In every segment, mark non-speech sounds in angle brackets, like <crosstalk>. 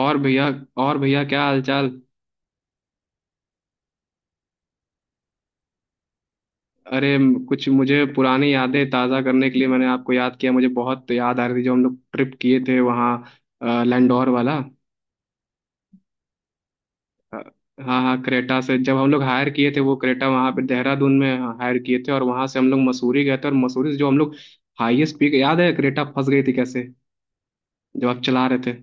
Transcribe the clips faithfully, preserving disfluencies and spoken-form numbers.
और भैया और भैया क्या हालचाल। अरे म- कुछ मुझे पुरानी यादें ताज़ा करने के लिए मैंने आपको याद किया। मुझे बहुत याद आ रही थी जो हम लोग ट्रिप किए थे वहाँ। अ, लैंडोर वाला। अ, हाँ हाँ, क्रेटा से जब हम लोग हायर किए थे वो क्रेटा वहाँ पे देहरादून में हायर किए थे, और वहाँ से हम लोग मसूरी गए थे, और मसूरी से जो हम लोग हाईएस्ट पीक याद है, क्रेटा फंस गई थी कैसे जब आप चला रहे थे।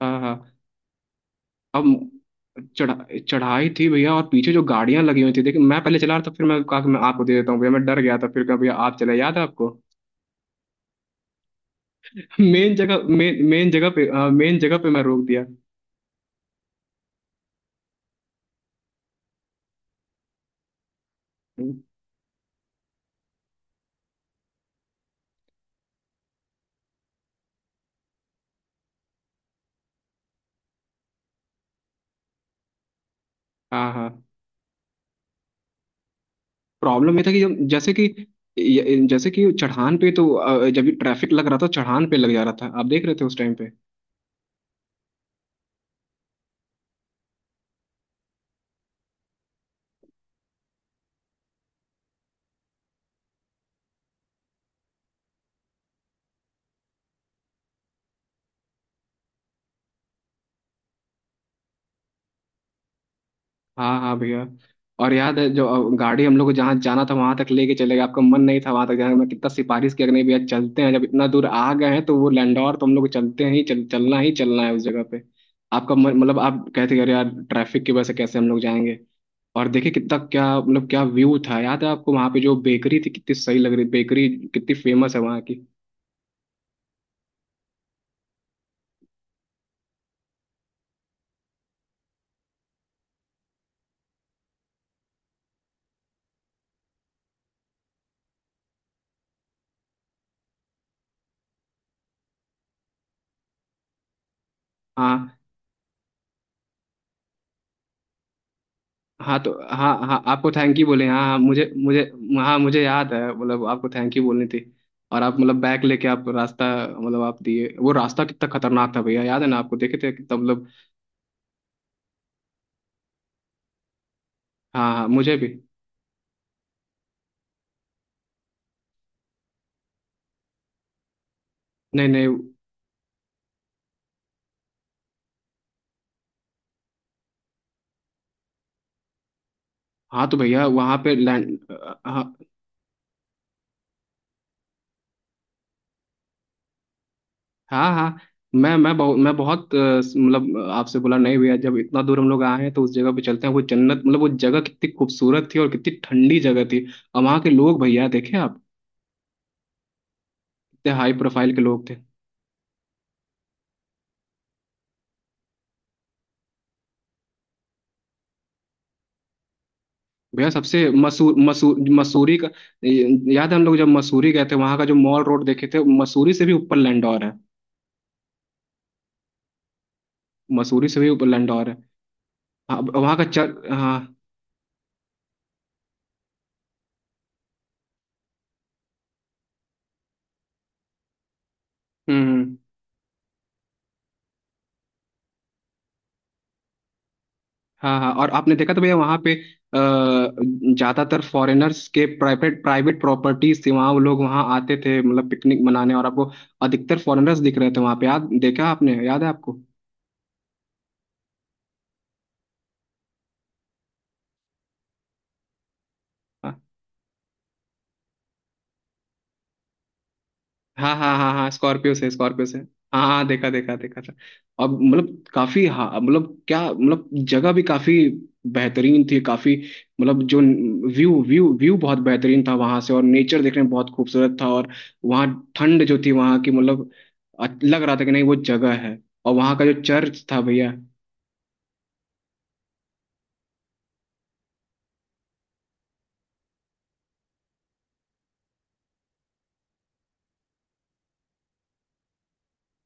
हाँ हाँ। अब चढ़ा चढ़ाई थी भैया, और पीछे जो गाड़ियां लगी हुई थी देखिए। मैं पहले चला रहा था, फिर मैं कहा कि मैं आपको दे देता हूँ भैया, मैं डर गया था, फिर कहा भैया आप चले, याद है आपको। <laughs> मेन जगह मेन मेन जगह पे मेन जगह पे मैं रोक दिया। हाँ हाँ। प्रॉब्लम ये था कि जब जैसे कि ये- जैसे कि चढ़ान पे तो अ, जब भी ट्रैफिक लग रहा था चढ़ान पे लग जा रहा था, आप देख रहे थे उस टाइम पे। हाँ हाँ भैया। और याद है जो अ, गाड़ी हम लोग को जहाँ जाना था वहां तक लेके चले गए, आपका मन नहीं था वहां तक जाने का। मैं कितना सिफारिश किया कि नहीं भैया चलते हैं, जब इतना दूर आ गए हैं तो वो लैंडौर तो हम लोग को चलते हैं ही, चल, चलना ही चलना है उस जगह पे। आपका मन मतलब आप कहते कि अरे यार, ट्रैफिक की वजह से कैसे हम लोग जाएंगे। और देखिए कितना, क्या मतलब क्या व्यू था, याद है आपको वहां पे जो बेकरी थी, कितनी सही लग रही बेकरी, कितनी फेमस है वहाँ की। हाँ हाँ, तो हाँ हाँ, आपको थैंक यू बोले। हाँ हाँ, मुझे मुझे। हाँ मुझे याद है, मतलब आपको थैंक यू बोलनी थी। और आप मतलब बैग लेके आप रास्ता, मतलब आप दिए वो रास्ता कितना खतरनाक था भैया, याद है ना आपको, देखे थे कितना मतलब। हाँ हाँ, मुझे भी। नहीं नहीं। हाँ तो भैया वहाँ पे लैंड। हाँ हाँ हाँ। मैं मैं बहुत मैं बहुत अ, मतलब आपसे बोला नहीं भैया, जब इतना दूर हम लोग आए हैं तो उस जगह पे चलते हैं, वो जन्नत मतलब वो जगह कितनी खूबसूरत थी, और कितनी ठंडी जगह थी। और वहाँ के लोग भैया देखे आप, कितने हाई प्रोफाइल के लोग थे। भैया सबसे मसूर मसूर मसूरी का, याद है हम लोग जब मसूरी गए थे वहां का जो मॉल रोड देखे थे, मसूरी से भी ऊपर लैंडौर है। मसूरी से भी ऊपर लैंडौर है। हाँ, वहाँ का चर हाँ। हम्म, हम्म। हाँ हाँ। और आपने देखा तो भैया वहाँ पे अ, ज्यादातर फॉरेनर्स के प्राइवेट प्राइवेट प्रॉपर्टीज थी वहाँ, वो लोग वहाँ आते थे मतलब पिकनिक मनाने, और आपको अधिकतर फॉरेनर्स दिख रहे थे वहाँ पे, याद देखा आपने, याद है आपको। हाँ। हाँ हाँ हाँ हाँ, स्कॉर्पियो से, स्कॉर्पियो से। हाँ हाँ, देखा देखा देखा था। अब मतलब काफी, हाँ मतलब क्या मतलब, जगह भी काफी बेहतरीन थी, काफी मतलब जो व्यू व्यू व्यू बहुत बेहतरीन था वहां से, और नेचर देखने में बहुत खूबसूरत था। और वहाँ ठंड जो थी वहाँ की, मतलब अ- लग रहा था कि नहीं वो जगह है। और वहाँ का जो चर्च था भैया।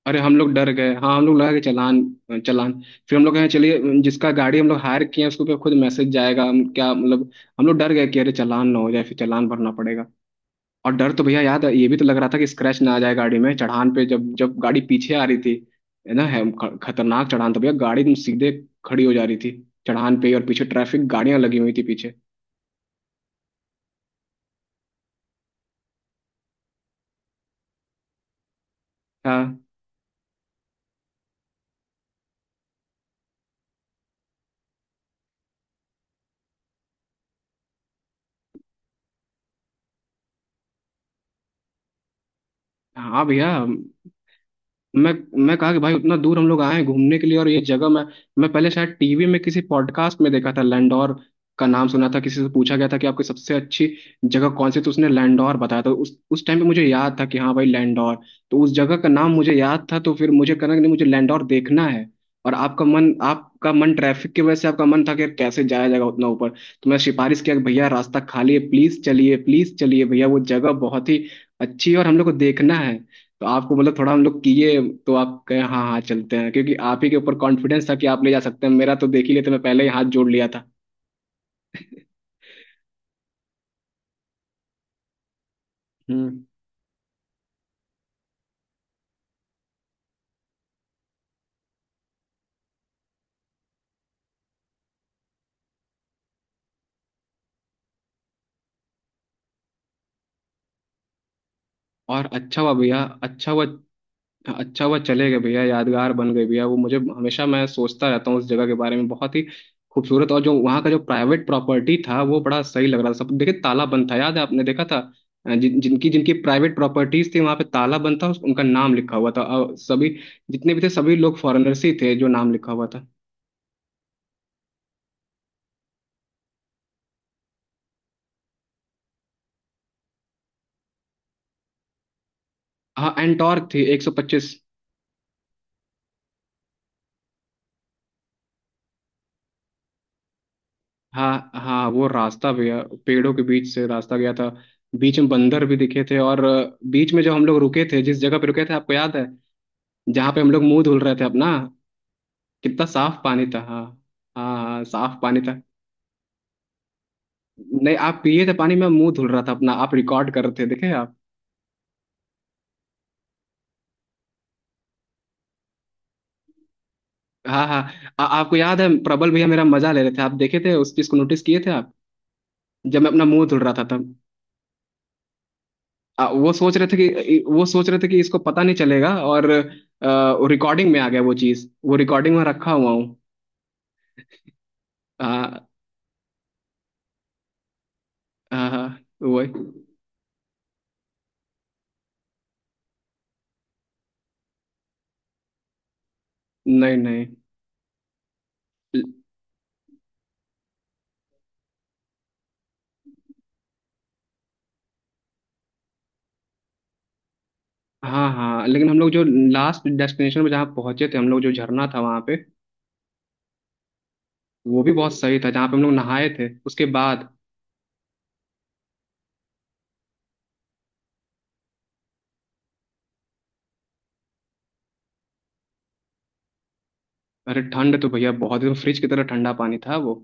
अरे हम लोग डर गए, हाँ हम लोग लगा कि चालान। चालान, फिर हम लोग कहे चलिए, जिसका गाड़ी हम लोग हायर किए हैं उसके ऊपर खुद मैसेज जाएगा, हम क्या मतलब, हम लोग डर गए कि अरे चालान ना हो जाए, फिर चालान भरना पड़ेगा। और डर तो भैया याद है, ये भी तो लग रहा था कि स्क्रैच ना आ जाए गाड़ी में, चढ़ान पे जब जब गाड़ी पीछे आ रही थी। है ना, है ख- खतरनाक चढ़ान था भैया, गाड़ी एकदम सीधे खड़ी हो जा रही थी चढ़ान पे ही, और पीछे ट्रैफिक गाड़ियां लगी हुई थी पीछे। हाँ हाँ भैया। मैं मैं कहा कि भाई उतना दूर हम लोग आए हैं घूमने के लिए, और ये जगह मैं मैं पहले शायद टीवी में किसी पॉडकास्ट में देखा था, लैंडोर का नाम सुना था, किसी से पूछा गया था कि आपकी सबसे अच्छी जगह कौन सी, तो उसने लैंडोर बताया था। उस उस टाइम पे मुझे याद था कि हाँ भाई लैंडोर, तो उस जगह का नाम मुझे याद था। तो फिर मुझे कहना कि नहीं, मुझे लैंडोर देखना है। और आपका मन आपका मन ट्रैफिक की वजह से आपका मन था कि यार कैसे जाया जाएगा उतना ऊपर। तो मैं सिफारिश किया कि भैया रास्ता खाली है, प्लीज चलिए, प्लीज चलिए भैया, वो जगह बहुत ही अच्छी है और हम लोग को देखना है। तो आपको मतलब थोड़ा हम लोग किए, तो आप कहे हाँ हाँ चलते हैं, क्योंकि आप ही के ऊपर कॉन्फिडेंस था कि आप ले जा सकते हैं, मेरा तो देख ही लेते, मैं पहले ही हाथ जोड़ लिया था। हम्म। और अच्छा हुआ भैया, अच्छा हुआ, अच्छा हुआ चले गए भैया, यादगार बन गए भैया, वो मुझे हमेशा मैं सोचता रहता हूँ उस जगह के बारे में, बहुत ही खूबसूरत, और जो वहाँ का जो प्राइवेट प्रॉपर्टी था वो बड़ा सही लग रहा था सब, देखिए ताला बंद था, याद है आपने देखा था। जिन जिनकी जिनकी प्राइवेट प्रॉपर्टीज थी वहाँ पे ताला बंद था, उस- उनका नाम लिखा हुआ था, और सभी जितने भी थे सभी लोग फॉरेनर्स ही थे जो नाम लिखा हुआ था। हाँ, एंटॉर्क थी एक सौ पच्चीस। हाँ हाँ, वो रास्ता गया पेड़ों के बीच से, रास्ता गया था। बीच में बंदर भी दिखे थे, और अ, बीच में जब हम लोग रुके थे जिस जगह पे रुके थे, आपको याद है, जहाँ पे हम लोग मुंह धुल रहे थे अपना। कितना साफ पानी था। हाँ हाँ हाँ, साफ पानी था। नहीं, आप पिए थे, पानी में मुंह धुल रहा था अपना, आप रिकॉर्ड कर रहे थे देखे आप। हाँ हाँ। आ, आपको याद है, प्रबल भैया मेरा मजा ले रहे थे, आप देखे थे उस चीज को, नोटिस किए थे आप जब मैं अपना मुंह धुल रहा था तब। आ, वो सोच रहे थे कि वो सोच रहे थे कि इसको पता नहीं चलेगा, और रिकॉर्डिंग में आ गया वो चीज, वो रिकॉर्डिंग में रखा हुआ हूँ। हाँ हाँ हाँ, वो, नहीं नहीं। हाँ हाँ, लेकिन हम लोग जो लास्ट डेस्टिनेशन पे जहाँ पहुंचे थे हम लोग, जो झरना था वहाँ पे, वो भी बहुत सही था, जहाँ पे हम लोग नहाए थे उसके बाद। अरे ठंड तो भैया बहुत, एकदम फ्रिज की तरह ठंडा पानी था वो।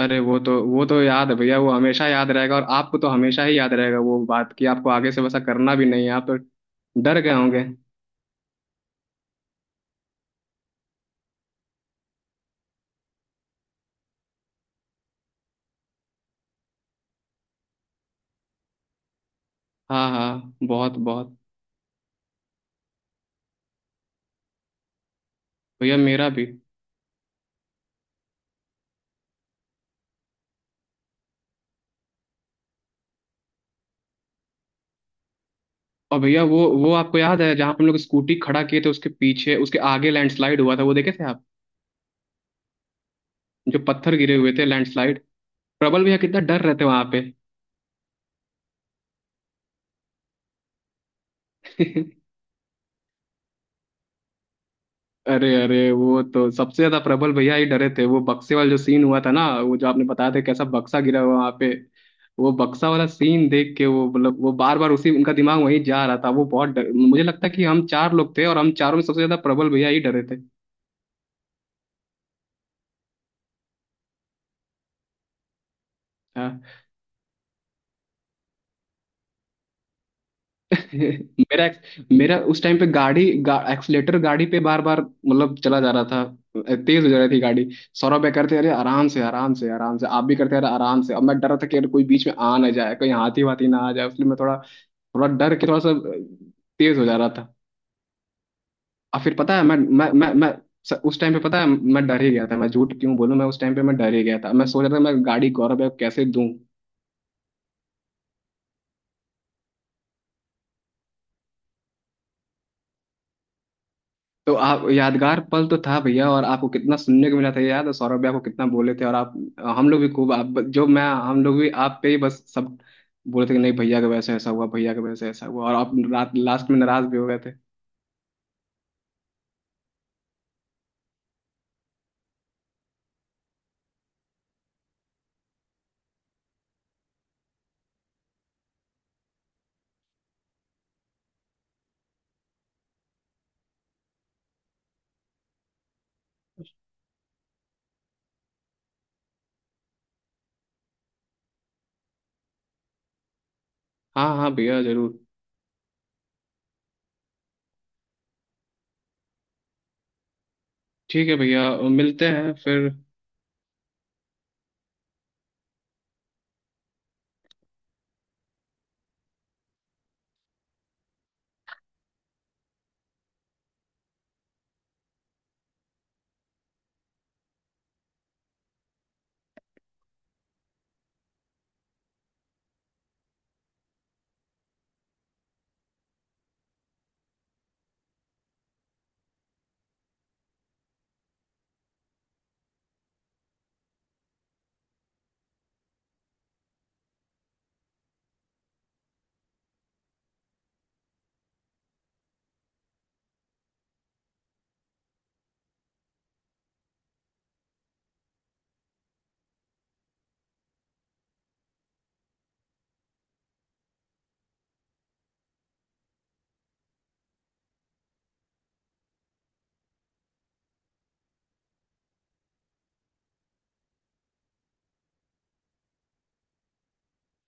अरे वो तो वो तो याद है भैया, वो हमेशा याद रहेगा, और आपको तो हमेशा ही याद रहेगा वो बात, कि आपको आगे से वैसा करना भी नहीं है आप तो। डर गए होंगे। हाँ हाँ, बहुत बहुत। भैया मेरा भी। और भैया वो वो आपको याद है जहाँ पे हम लोग स्कूटी खड़ा किए थे, उसके पीछे उसके आगे लैंडस्लाइड हुआ था, वो देखे थे आप, जो पत्थर गिरे हुए थे, लैंडस्लाइड, प्रबल भैया कितना डर रहे थे वहां पे। अरे अरे, वो तो सबसे ज्यादा प्रबल भैया ही डरे थे। वो बक्से वाला जो सीन हुआ था ना, वो जो आपने बताया था कैसा बक्सा गिरा हुआ वहां पे, वो बक्सा वाला सीन देख के वो, मतलब वो बार बार उसी, उनका दिमाग वहीं जा रहा था, वो बहुत डर, मुझे लगता है कि हम चार लोग थे और हम चारों में सबसे ज्यादा प्रबल भैया ही डरे थे। हाँ। <laughs> मेरा मेरा उस टाइम पे गाड़ी गा, एक्सीलेटर गाड़ी पे बार बार मतलब चला जा रहा था, तेज हो जा रही थी गाड़ी। सौरभ भाई करते अरे आराम से आराम से आराम से, आप भी करते अरे आराम से, अब मैं डर रहा था कि अरे कोई बीच में आ ना जाए, कोई हाथी वाथी ना आ जाए, इसलिए मैं थोड़ा, थोड़ा डर के थोड़ा सा तेज हो जा रहा था। और फिर पता है मैं मैं मैं, मैं स- उस टाइम पे पता है मैं डर ही गया था, मैं झूठ क्यों बोलूं, मैं उस टाइम पे मैं डर ही गया था, मैं सोच रहा था मैं गाड़ी गौरव भाई को कैसे दूं। तो आप यादगार पल तो था भैया, और आपको कितना सुनने को मिला था ये याद है, सौरभ भी आपको कितना बोले थे, और आप, हम लोग भी खूब, आप जो मैं हम लोग भी आप पे ही बस सब बोले थे कि नहीं भैया का वैसे ऐसा हुआ, भैया का वैसे ऐसा हुआ, और आप रात लास्ट में नाराज भी हो गए थे। हाँ हाँ भैया, जरूर। ठीक है भैया, मिलते हैं फिर